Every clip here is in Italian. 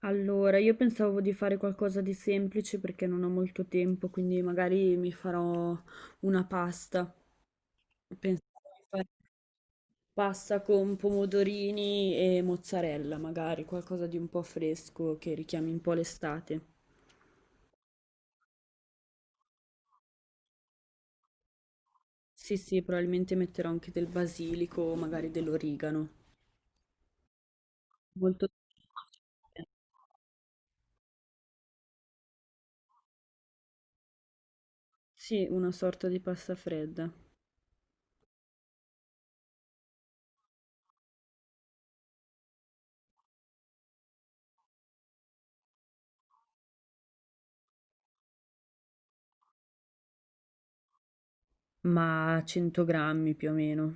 Allora, io pensavo di fare qualcosa di semplice perché non ho molto tempo, quindi magari mi farò una pasta. Pensavo di fare pasta con pomodorini e mozzarella, magari qualcosa di un po' fresco che richiami un po' l'estate. Sì, sì, probabilmente metterò anche del basilico o magari dell'origano. Molto... Sì, una sorta di pasta fredda, ma 100 grammi più o meno.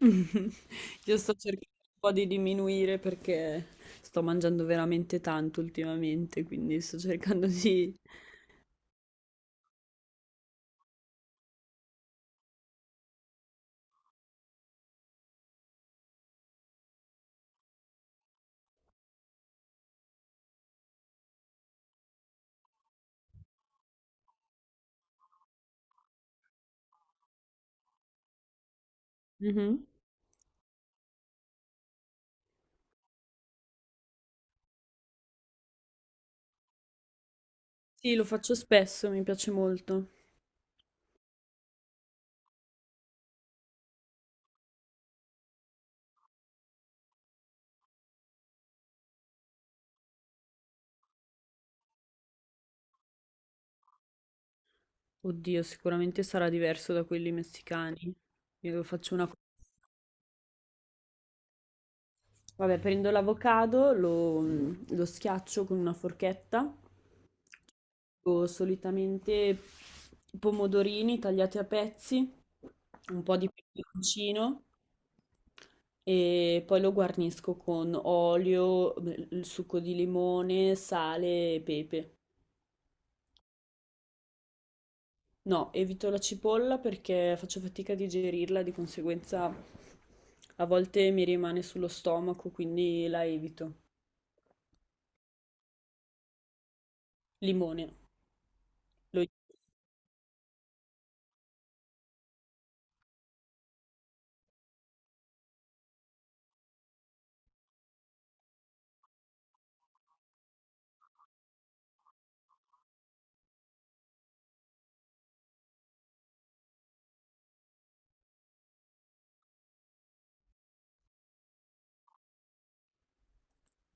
Io sto cercando un po' di diminuire perché sto mangiando veramente tanto ultimamente, quindi sto cercando di... Mhm. Sì, lo faccio spesso, mi piace molto. Oddio, sicuramente sarà diverso da quelli messicani. Io faccio una... Vabbè, prendo l'avocado, lo, lo schiaccio con una forchetta. Ho solitamente pomodorini tagliati a pezzi, un po' di peperoncino. E poi lo guarnisco con olio, beh, il succo di limone, sale e pepe. No, evito la cipolla perché faccio fatica a digerirla, di conseguenza a volte mi rimane sullo stomaco, quindi la evito. Limone, lo.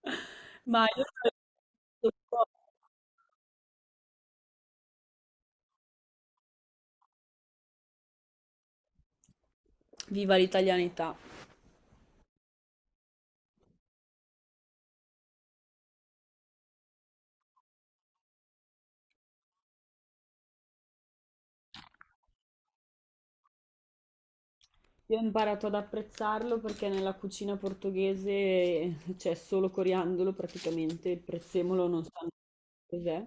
Ma io viva l'italianità. Io ho imparato ad apprezzarlo perché nella cucina portoghese c'è solo coriandolo praticamente, il prezzemolo non sa cos'è.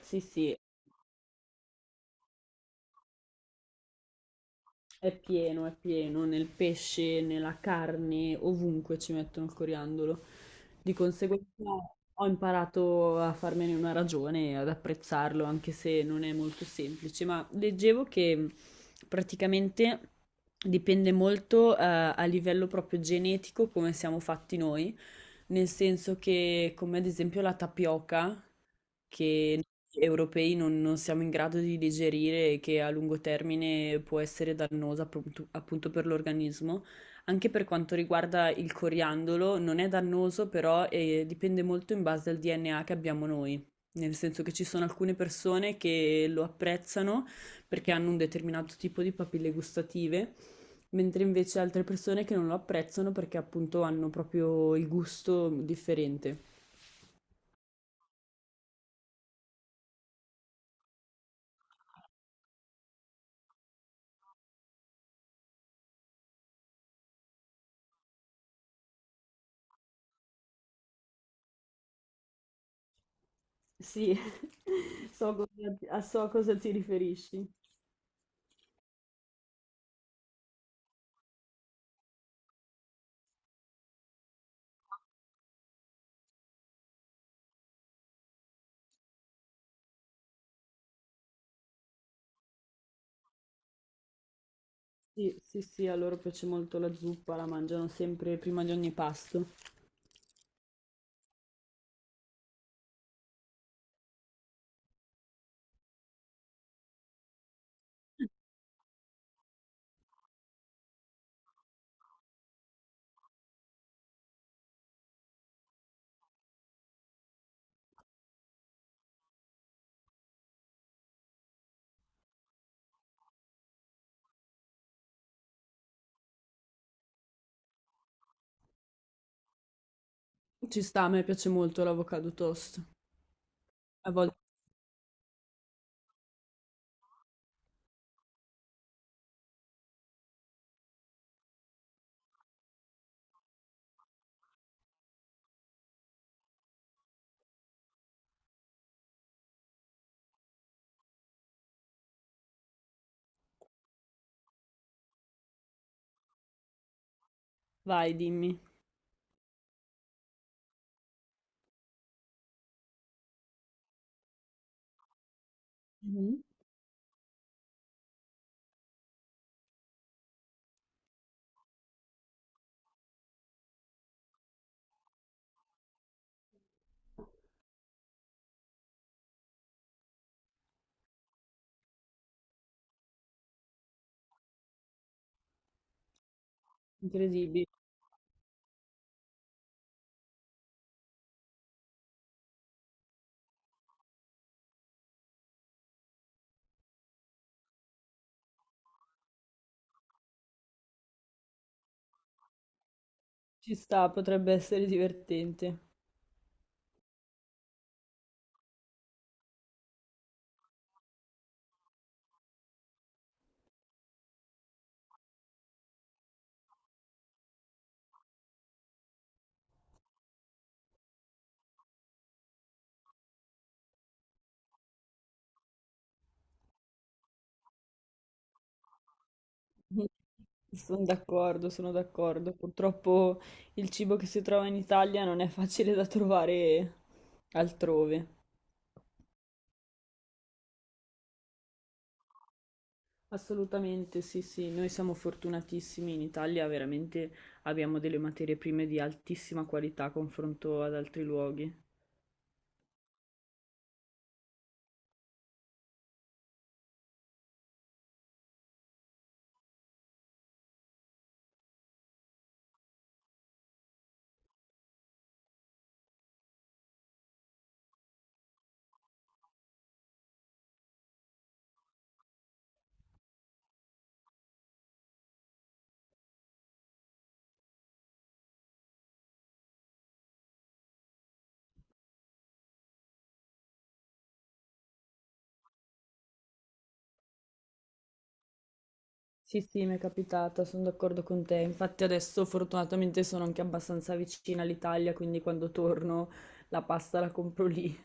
Sì, sì. È pieno, nel pesce, nella carne, ovunque ci mettono il coriandolo. Di conseguenza ho imparato a farmene una ragione e ad apprezzarlo, anche se non è molto semplice. Ma leggevo che praticamente dipende molto, a livello proprio genetico come siamo fatti noi, nel senso che, come ad esempio la tapioca che noi europei non siamo in grado di digerire e che a lungo termine può essere dannosa appunto per l'organismo. Anche per quanto riguarda il coriandolo, non è dannoso, però dipende molto in base al DNA che abbiamo noi. Nel senso che ci sono alcune persone che lo apprezzano perché hanno un determinato tipo di papille gustative, mentre invece altre persone che non lo apprezzano perché appunto hanno proprio il gusto differente. Sì, so cosa, ti- a so a cosa ti riferisci. Sì, sì, sì, a loro piace molto la zuppa, la mangiano sempre prima di ogni pasto. Ci sta, a me piace molto l'avocado toast. A volte, vai, dimmi. Mhm. Incredibile. Ci sta, potrebbe essere divertente. Mhm. Sono d'accordo, sono d'accordo. Purtroppo il cibo che si trova in Italia non è facile da trovare altrove. Assolutamente, sì, sì, noi siamo fortunatissimi in Italia, veramente abbiamo delle materie prime di altissima qualità a confronto ad altri luoghi. Sì, sì, mi è capitata, sono d'accordo con te. Infatti adesso fortunatamente sono anche abbastanza vicina all'Italia, quindi quando torno la pasta la compro lì.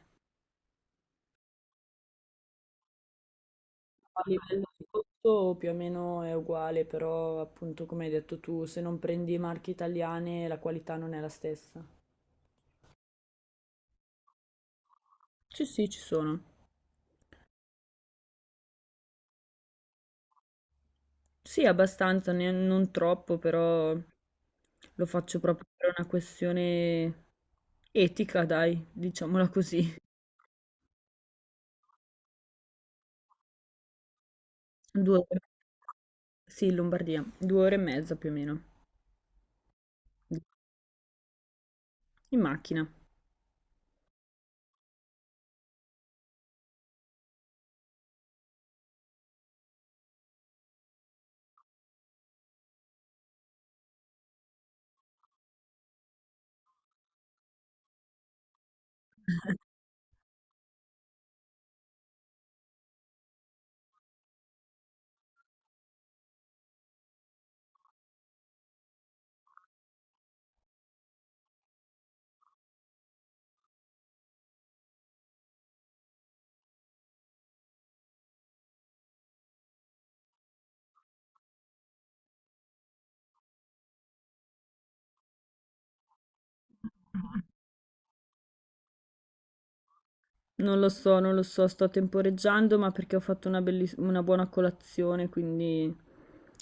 A livello di costo più o meno è uguale, però appunto come hai detto tu, se non prendi marche italiane la qualità non è la stessa. Sì, sì, ci sono. Sì, abbastanza, non troppo, però lo faccio proprio per una questione etica, dai, diciamola così. Due ore, sì, in Lombardia, due ore e mezza più o meno, in macchina. Non lo so, non lo so, sto temporeggiando, ma perché ho fatto una, una buona colazione, quindi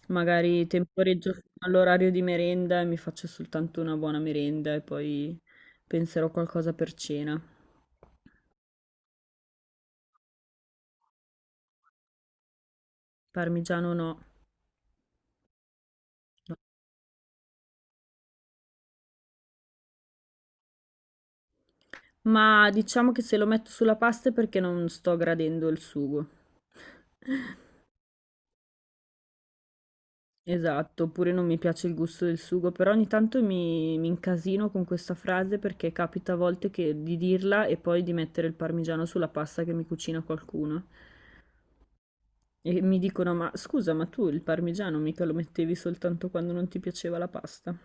magari temporeggio fino all'orario di merenda e mi faccio soltanto una buona merenda e poi penserò qualcosa per cena. Parmigiano no. Ma diciamo che se lo metto sulla pasta è perché non sto gradendo il sugo. Esatto, oppure non mi piace il gusto del sugo, però ogni tanto mi incasino con questa frase perché capita a volte di dirla e poi di mettere il parmigiano sulla pasta che mi cucina qualcuno. E mi dicono, ma scusa, ma tu il parmigiano mica lo mettevi soltanto quando non ti piaceva la pasta.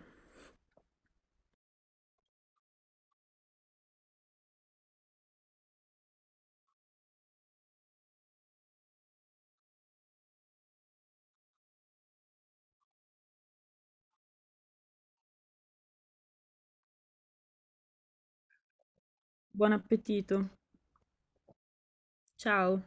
Buon appetito. Ciao.